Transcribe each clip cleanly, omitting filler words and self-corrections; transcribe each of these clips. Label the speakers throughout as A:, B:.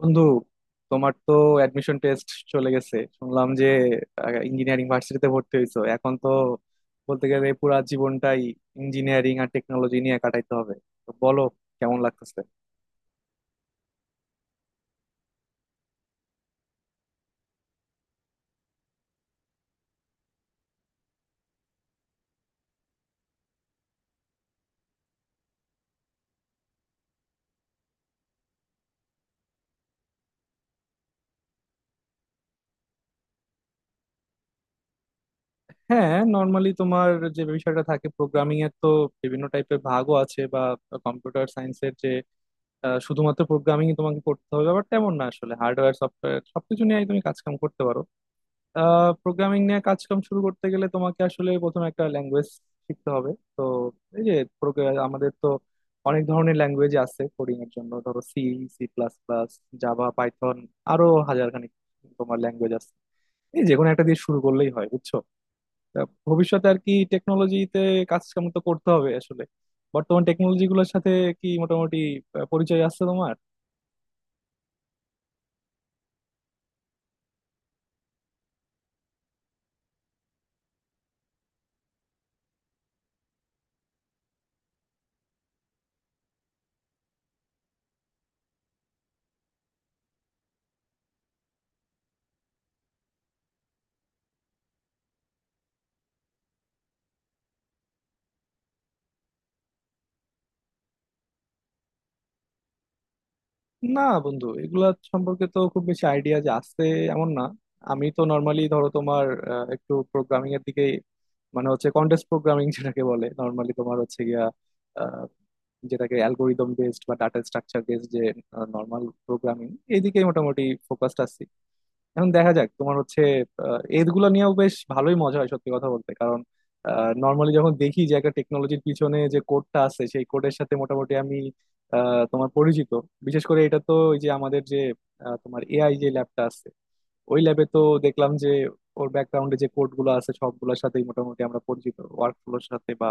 A: বন্ধু, তোমার তো অ্যাডমিশন টেস্ট চলে গেছে শুনলাম যে ইঞ্জিনিয়ারিং ভার্সিটিতে ভর্তি হয়েছো। এখন তো বলতে গেলে পুরা জীবনটাই ইঞ্জিনিয়ারিং আর টেকনোলজি নিয়ে কাটাইতে হবে। তো বলো, কেমন লাগতেছে? হ্যাঁ, নর্মালি তোমার যে বিষয়টা থাকে প্রোগ্রামিং এর, তো বিভিন্ন টাইপের ভাগও আছে বা কম্পিউটার সায়েন্সের যে শুধুমাত্র প্রোগ্রামিং তোমাকে করতে হবে ব্যাপারটা এমন না, আসলে হার্ডওয়্যার সফটওয়্যার সবকিছু নিয়েই তুমি কাজকাম করতে পারো। প্রোগ্রামিং নিয়ে কাজকাম শুরু করতে গেলে তোমাকে আসলে প্রথমে একটা ল্যাঙ্গুয়েজ শিখতে হবে। তো এই যে আমাদের তো অনেক ধরনের ল্যাঙ্গুয়েজ আছে কোডিং এর জন্য, ধরো C, C plus plus, Java, Python, আরো হাজারখানেক তোমার ল্যাঙ্গুয়েজ আছে। এই যে কোনো একটা দিয়ে শুরু করলেই হয়, বুঝছো? তা ভবিষ্যতে আর কি টেকনোলজিতে কাজ কাম তো করতে হবে আসলে। বর্তমান টেকনোলজি গুলোর সাথে কি মোটামুটি পরিচয় আছে তোমার? না বন্ধু, এগুলা সম্পর্কে তো খুব বেশি আইডিয়া যে আছে এমন না। আমি তো নর্মালি ধরো তোমার একটু প্রোগ্রামিং এর দিকে, মানে হচ্ছে কন্টেস্ট প্রোগ্রামিং যেটাকে বলে, নর্মালি তোমার হচ্ছে গিয়া আহ, যেটাকে অ্যালগোরিদম বেসড বা ডাটা স্ট্রাকচার বেসড, যে নর্মাল প্রোগ্রামিং, এইদিকে মোটামুটি ফোকাসড আছি। এখন দেখা যাক, তোমার হচ্ছে এইগুলো নিয়েও বেশ ভালোই মজা হয় সত্যি কথা বলতে, কারণ নর্মালি যখন দেখি যে একটা টেকনোলজির পিছনে যে কোডটা আছে সেই কোডের সাথে মোটামুটি আমি তোমার পরিচিত। বিশেষ করে এটা তো ওই যে আমাদের যে তোমার এআই যে ল্যাবটা আছে, ওই ল্যাবে তো দেখলাম যে ওর ব্যাকগ্রাউন্ডে যে কোডগুলো আছে সবগুলোর সাথেই মোটামুটি আমরা পরিচিত, ওয়ার্কফ্লোর সাথে বা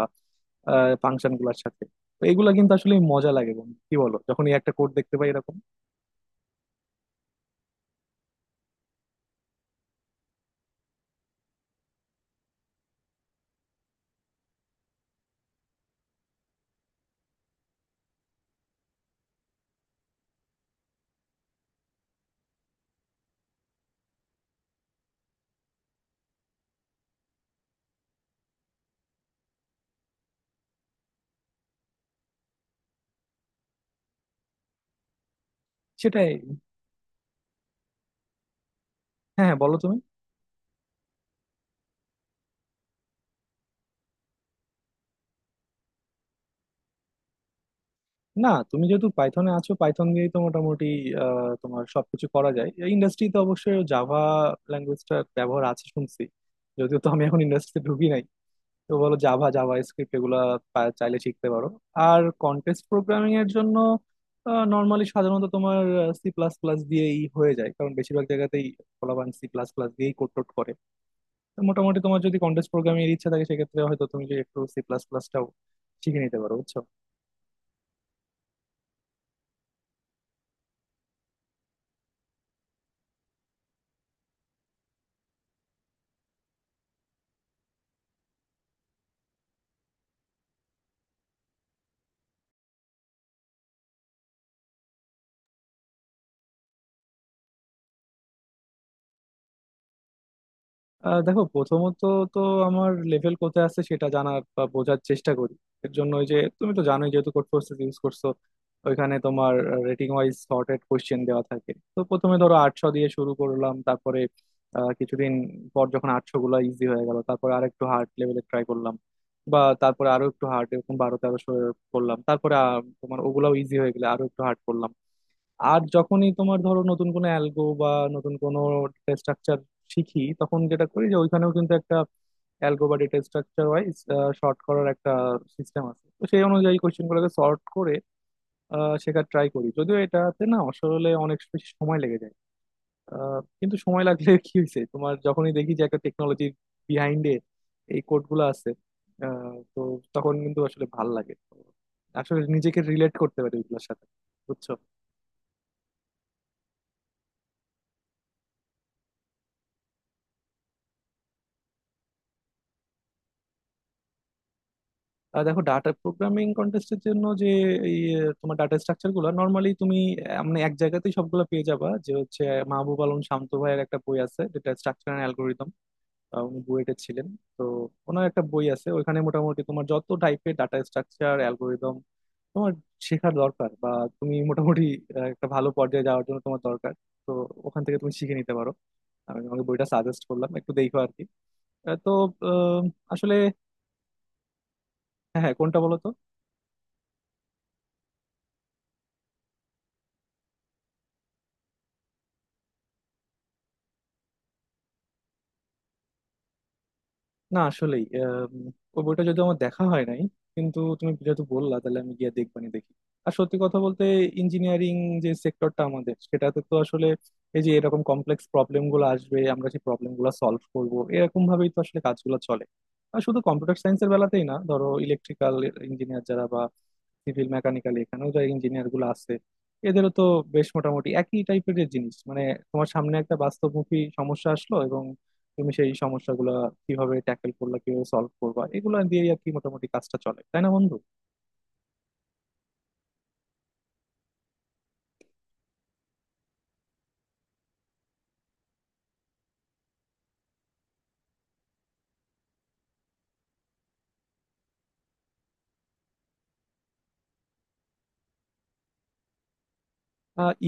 A: ফাংশন গুলার সাথে। তো এগুলা কিন্তু আসলে মজা লাগে বন্ধু, কি বলো, যখন এই একটা কোড দেখতে পাই এরকম। সেটাই। হ্যাঁ, হ্যাঁ, বলো তুমি। না, তুমি যেহেতু পাইথনে আছো পাইথন দিয়েই তো মোটামুটি তোমার সবকিছু করা যায়। এই ইন্ডাস্ট্রিতে অবশ্যই জাভা ল্যাঙ্গুয়েজটার ব্যবহার আছে শুনছি, যদিও তো আমি এখন ইন্ডাস্ট্রিতে ঢুকি নাই। তো বলো, জাভা, জাভা স্ক্রিপ্ট এগুলা চাইলে শিখতে পারো। আর কন্টেস্ট প্রোগ্রামিং এর জন্য নর্মালি সাধারণত তোমার সি প্লাস প্লাস দিয়েই হয়ে যায়, কারণ বেশিরভাগ জায়গাতেই পোলাপান সি প্লাস প্লাস দিয়েই কোড টোড করে। তো মোটামুটি তোমার যদি কন্টেস্ট প্রোগ্রামিং এর ইচ্ছা থাকে সেক্ষেত্রে হয়তো তুমি যে একটু সি প্লাস প্লাসটাও শিখে নিতে পারো, বুঝছো। দেখো, প্রথমত তো আমার লেভেল কোথায় আছে সেটা জানার বা বোঝার চেষ্টা করি। এর জন্য ওই যে, তুমি তো জানোই যেহেতু কোড ফোর্সেস ইউজ করছো, ওইখানে তোমার রেটিং ওয়াইজ সর্টেড কোশ্চেন দেওয়া থাকে। তো প্রথমে ধরো 800 দিয়ে শুরু করলাম, তারপরে কিছুদিন পর যখন 800 গুলো ইজি হয়ে গেল তারপরে আর একটু হার্ড লেভেলে ট্রাই করলাম, বা তারপরে আরো একটু হার্ড, এরকম 1200 1300 করলাম। তারপরে তোমার ওগুলাও ইজি হয়ে গেলে আরো একটু হার্ড করলাম। আর যখনই তোমার ধরো নতুন কোনো অ্যালগো বা নতুন কোনো ডেটা স্ট্রাকচার শিখি তখন যেটা করি যে ওইখানেও কিন্তু একটা অ্যালগো বা ডেটা স্ট্রাকচার ওয়াইজ সর্ট করার একটা সিস্টেম আছে। তো সেই অনুযায়ী কোশ্চেনগুলোকে সর্ট করে শেখার ট্রাই করি, যদিও এটাতে না আসলে অনেক বেশি সময় লেগে যায়। কিন্তু সময় লাগলে কি হয়েছে, তোমার যখনই দেখি যে একটা টেকনোলজির বিহাইন্ডে এই কোডগুলো আছে, তো তখন কিন্তু আসলে ভাল লাগে, তো আসলে নিজেকে রিলেট করতে পারি ওইগুলোর সাথে, বুঝছো। দেখো, ডাটা প্রোগ্রামিং কন্টেস্টের জন্য যে এই তোমার ডাটা স্ট্রাকচার গুলো নর্মালি তুমি মানে এক জায়গাতেই সবগুলো পেয়ে যাবা, যে হচ্ছে মাহবুব আলম শান্ত ভাইয়ের একটা বই আছে যেটা স্ট্রাকচার অ্যান্ড অ্যালগোরিদম। উনি বুয়েটে ছিলেন। তো ওনার একটা বই আছে, ওইখানে মোটামুটি তোমার যত টাইপের ডাটা স্ট্রাকচার অ্যালগোরিদম তোমার শেখার দরকার বা তুমি মোটামুটি একটা ভালো পর্যায়ে যাওয়ার জন্য তোমার দরকার। তো ওখান থেকে তুমি শিখে নিতে পারো। আমি তোমাকে বইটা সাজেস্ট করলাম একটু দেখো আর কি। আহ, তো আহ, আসলে হ্যাঁ, হ্যাঁ, কোনটা বলো তো। না আসলেই ওই বইটা যদি আমার দেখা হয় নাই কিন্তু তুমি যেহেতু বললা তাহলে আমি গিয়ে দেখবানি দেখি। আর সত্যি কথা বলতে ইঞ্জিনিয়ারিং যে সেক্টরটা আমাদের সেটাতে তো আসলে এই যে এরকম কমপ্লেক্স প্রবলেম গুলো আসবে, আমরা যে প্রবলেম গুলো সলভ করব, এরকম ভাবেই তো আসলে কাজগুলো চলে। আর শুধু কম্পিউটার সায়েন্সের বেলাতেই না, ধরো ইলেকট্রিক্যাল ইঞ্জিনিয়ার যারা বা সিভিল, মেকানিক্যাল, এখানেও যারা ইঞ্জিনিয়ার গুলো আছে এদেরও তো বেশ মোটামুটি একই টাইপের জিনিস। মানে তোমার সামনে একটা বাস্তবমুখী সমস্যা আসলো এবং তুমি সেই সমস্যাগুলো কিভাবে ট্যাকেল করলা কিভাবে সলভ করবা, এগুলো দিয়েই আর কি মোটামুটি কাজটা চলে, তাই না বন্ধু?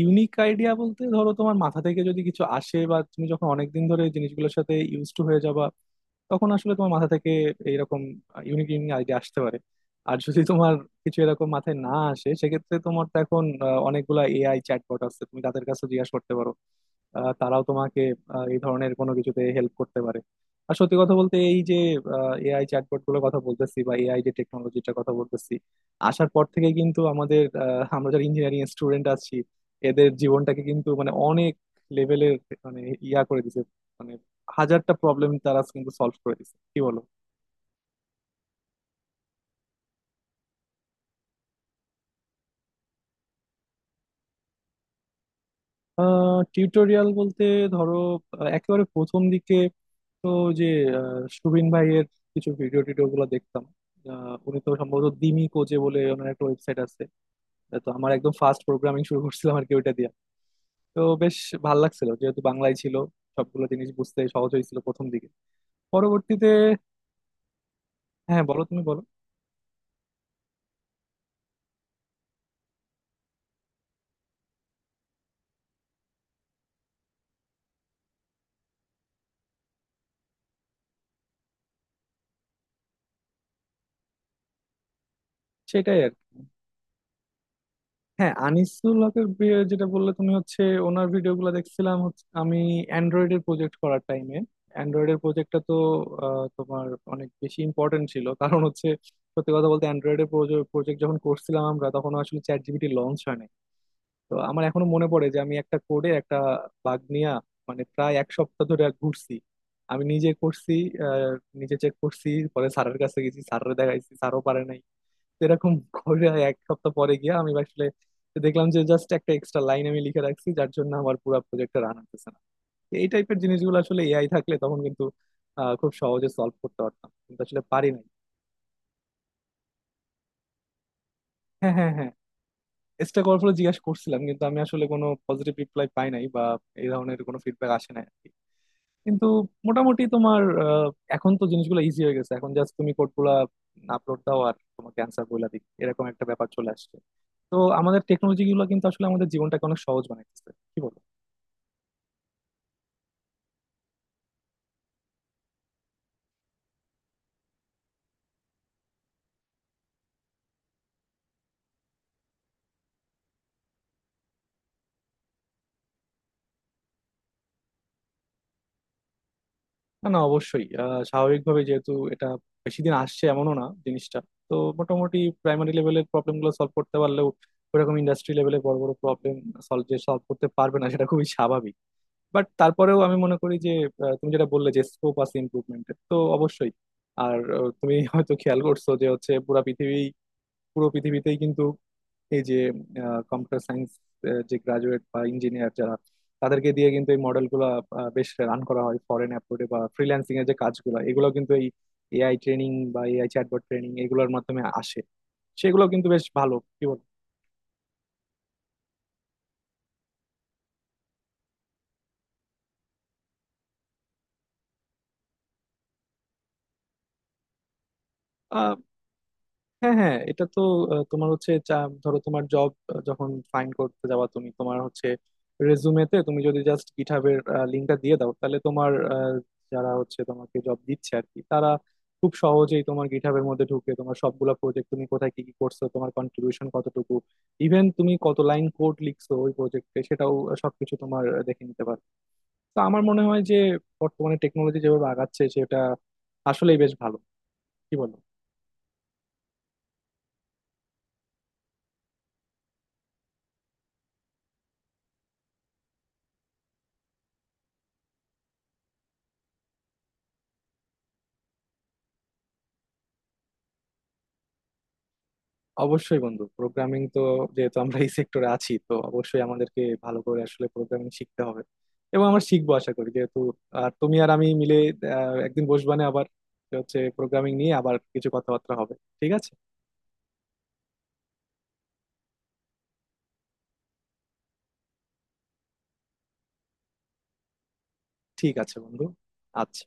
A: ইউনিক আইডিয়া বলতে, ধরো তোমার মাথা থেকে যদি কিছু আসে বা তুমি যখন অনেকদিন ধরে এই জিনিসগুলোর সাথে ইউজ টু হয়ে যাবা তখন আসলে তোমার মাথা থেকে এইরকম ইউনিক ইউনিক আইডিয়া আসতে পারে। আর যদি তোমার কিছু এরকম মাথায় না আসে, সেক্ষেত্রে তোমার তো এখন অনেকগুলা এআই চ্যাটবট আছে, তুমি তাদের কাছে জিজ্ঞাসা করতে পারো। তারাও তোমাকে এই ধরনের কোনো কিছুতে হেল্প করতে পারে। আর সত্যি কথা বলতে এই যে এআই চ্যাটবট গুলোর কথা বলতেছি বা এআই যে টেকনোলজিটার কথা বলতেছি আসার পর থেকে কিন্তু আমাদের, আমরা যারা ইঞ্জিনিয়ারিং স্টুডেন্ট আছি এদের জীবনটাকে কিন্তু মানে অনেক লেভেলের, মানে, ইয়া করে দিছে। মানে হাজারটা প্রবলেম তারা কিন্তু সলভ করে দিছে, কি বলো। টিউটোরিয়াল বলতে, ধরো একেবারে প্রথম দিকে তো যে সুবিন ভাইয়ের কিছু ভিডিও টিডিও গুলো দেখতাম। উনি তো সম্ভবত দিমি কোজে বলে ওনার একটা ওয়েবসাইট আছে। তো আমার একদম ফার্স্ট প্রোগ্রামিং শুরু করছিলাম আর কি ওইটা দিয়ে। তো বেশ ভাল লাগছিল যেহেতু বাংলায় ছিল, সবগুলো জিনিস বুঝতে সহজ হয়েছিল প্রথম দিকে। পরবর্তীতে হ্যাঁ, বলো তুমি বলো। সেটাই আর কি। হ্যাঁ, আনিসুল হকের বিয়ে যেটা বললে তুমি, হচ্ছে ওনার ভিডিওগুলো দেখছিলাম হচ্ছে আমি অ্যান্ড্রয়েডের প্রজেক্ট করার টাইমে। অ্যান্ড্রয়েডের প্রজেক্টটা তো তোমার অনেক বেশি ইম্পর্টেন্ট ছিল কারণ হচ্ছে সত্যি কথা বলতে অ্যান্ড্রয়েডের প্রজেক্ট যখন করছিলাম আমরা তখন আসলে চ্যাট জিপিটি লঞ্চ হয় নাই। তো আমার এখনো মনে পড়ে যে আমি একটা কোডে একটা বাগ নিয়ে মানে প্রায় এক সপ্তাহ ধরে ঘুরছি। আমি নিজে করছি, আহ, নিজে চেক করছি, পরে স্যারের কাছে গেছি, স্যারের দেখাইছি, স্যারও পারে নাই। তো এরকম করে এক সপ্তাহ পরে গিয়ে আমি আসলে দেখলাম যে জাস্ট একটা এক্সট্রা লাইন আমি লিখে রাখছি যার জন্য আমার পুরো প্রজেক্টটা রান হতেছে না। তো এই টাইপের জিনিসগুলো আসলে এআই থাকলে তখন কিন্তু খুব সহজে সলভ করতে পারতাম, কিন্তু আসলে পারি নাই। হ্যাঁ, হ্যাঁ, হ্যাঁ, চেষ্টা করার ফলে জিজ্ঞাসা করছিলাম কিন্তু আমি আসলে কোনো পজিটিভ রিপ্লাই পাই নাই বা এই ধরনের কোনো ফিডব্যাক আসে নাই। কিন্তু মোটামুটি তোমার এখন তো জিনিসগুলো ইজি হয়ে গেছে, এখন জাস্ট তুমি কোডগুলা আপলোড দাও আর তোমাকে অ্যান্সার বলে দিই, এরকম একটা ব্যাপার চলে আসছে। তো আমাদের টেকনোলজি গুলো কিন্তু আসলে আমাদের জীবনটাকে অনেক সহজ বানাইতেছে, কি বলো। না, না, অবশ্যই স্বাভাবিকভাবে যেহেতু এটা বেশি দিন আসছে এমনও না জিনিসটা। তো মোটামুটি প্রাইমারি লেভেলের প্রবলেম গুলো সলভ করতে পারলেও ওরকম ইন্ডাস্ট্রি লেভেলে বড় বড় প্রবলেম সলভ, যে সলভ করতে পারবে না সেটা খুবই স্বাভাবিক। বাট তারপরেও আমি মনে করি যে তুমি যেটা বললে যে স্কোপ আছে ইমপ্রুভমেন্টের তো অবশ্যই। আর তুমি হয়তো খেয়াল করছো যে হচ্ছে পুরা পৃথিবী পুরো পৃথিবীতেই কিন্তু এই যে কম্পিউটার সায়েন্স যে গ্রাজুয়েট বা ইঞ্জিনিয়ার যারা, তাদেরকে দিয়ে কিন্তু এই মডেল গুলা বেশ রান করা হয়। ফরেন অ্যাপ্রোডে বা ফ্রিল্যান্সিং এর যে কাজগুলো, এগুলো কিন্তু এই এআই ট্রেনিং বা এআই চ্যাটবট ট্রেনিং এগুলোর মাধ্যমে আসে। সেগুলো কিন্তু বেশ ভালো, কি বল। হ্যাঁ, হ্যাঁ, এটা তো তোমার হচ্ছে ধরো, তোমার জব যখন ফাইন্ড করতে যাওয়া তুমি, তোমার হচ্ছে রেজুমেতে তুমি যদি জাস্ট গিটহাবের লিঙ্কটা দিয়ে দাও তাহলে তোমার যারা হচ্ছে তোমাকে জব দিচ্ছে আর কি, তারা খুব সহজেই তোমার গিটহাবের মধ্যে ঢুকে তোমার সবগুলা প্রজেক্ট তুমি কোথায় কি কি করছো, তোমার কন্ট্রিবিউশন কতটুকু, ইভেন তুমি কত লাইন কোড লিখছো ওই প্রজেক্টে, সেটাও সবকিছু তোমার দেখে নিতে পারবে। তো আমার মনে হয় যে বর্তমানে টেকনোলজি যেভাবে আগাচ্ছে সেটা আসলেই বেশ ভালো, কি বলো। অবশ্যই বন্ধু, প্রোগ্রামিং তো যেহেতু আমরা এই সেক্টরে আছি তো অবশ্যই আমাদেরকে ভালো করে আসলে প্রোগ্রামিং শিখতে হবে, এবং আমরা শিখবো আশা করি যেহেতু। আর তুমি আর আমি মিলে একদিন বসবানে আবার, যে হচ্ছে প্রোগ্রামিং নিয়ে আবার কিছু কথাবার্তা হবে, ঠিক আছে। ঠিক আছে বন্ধু। আচ্ছা।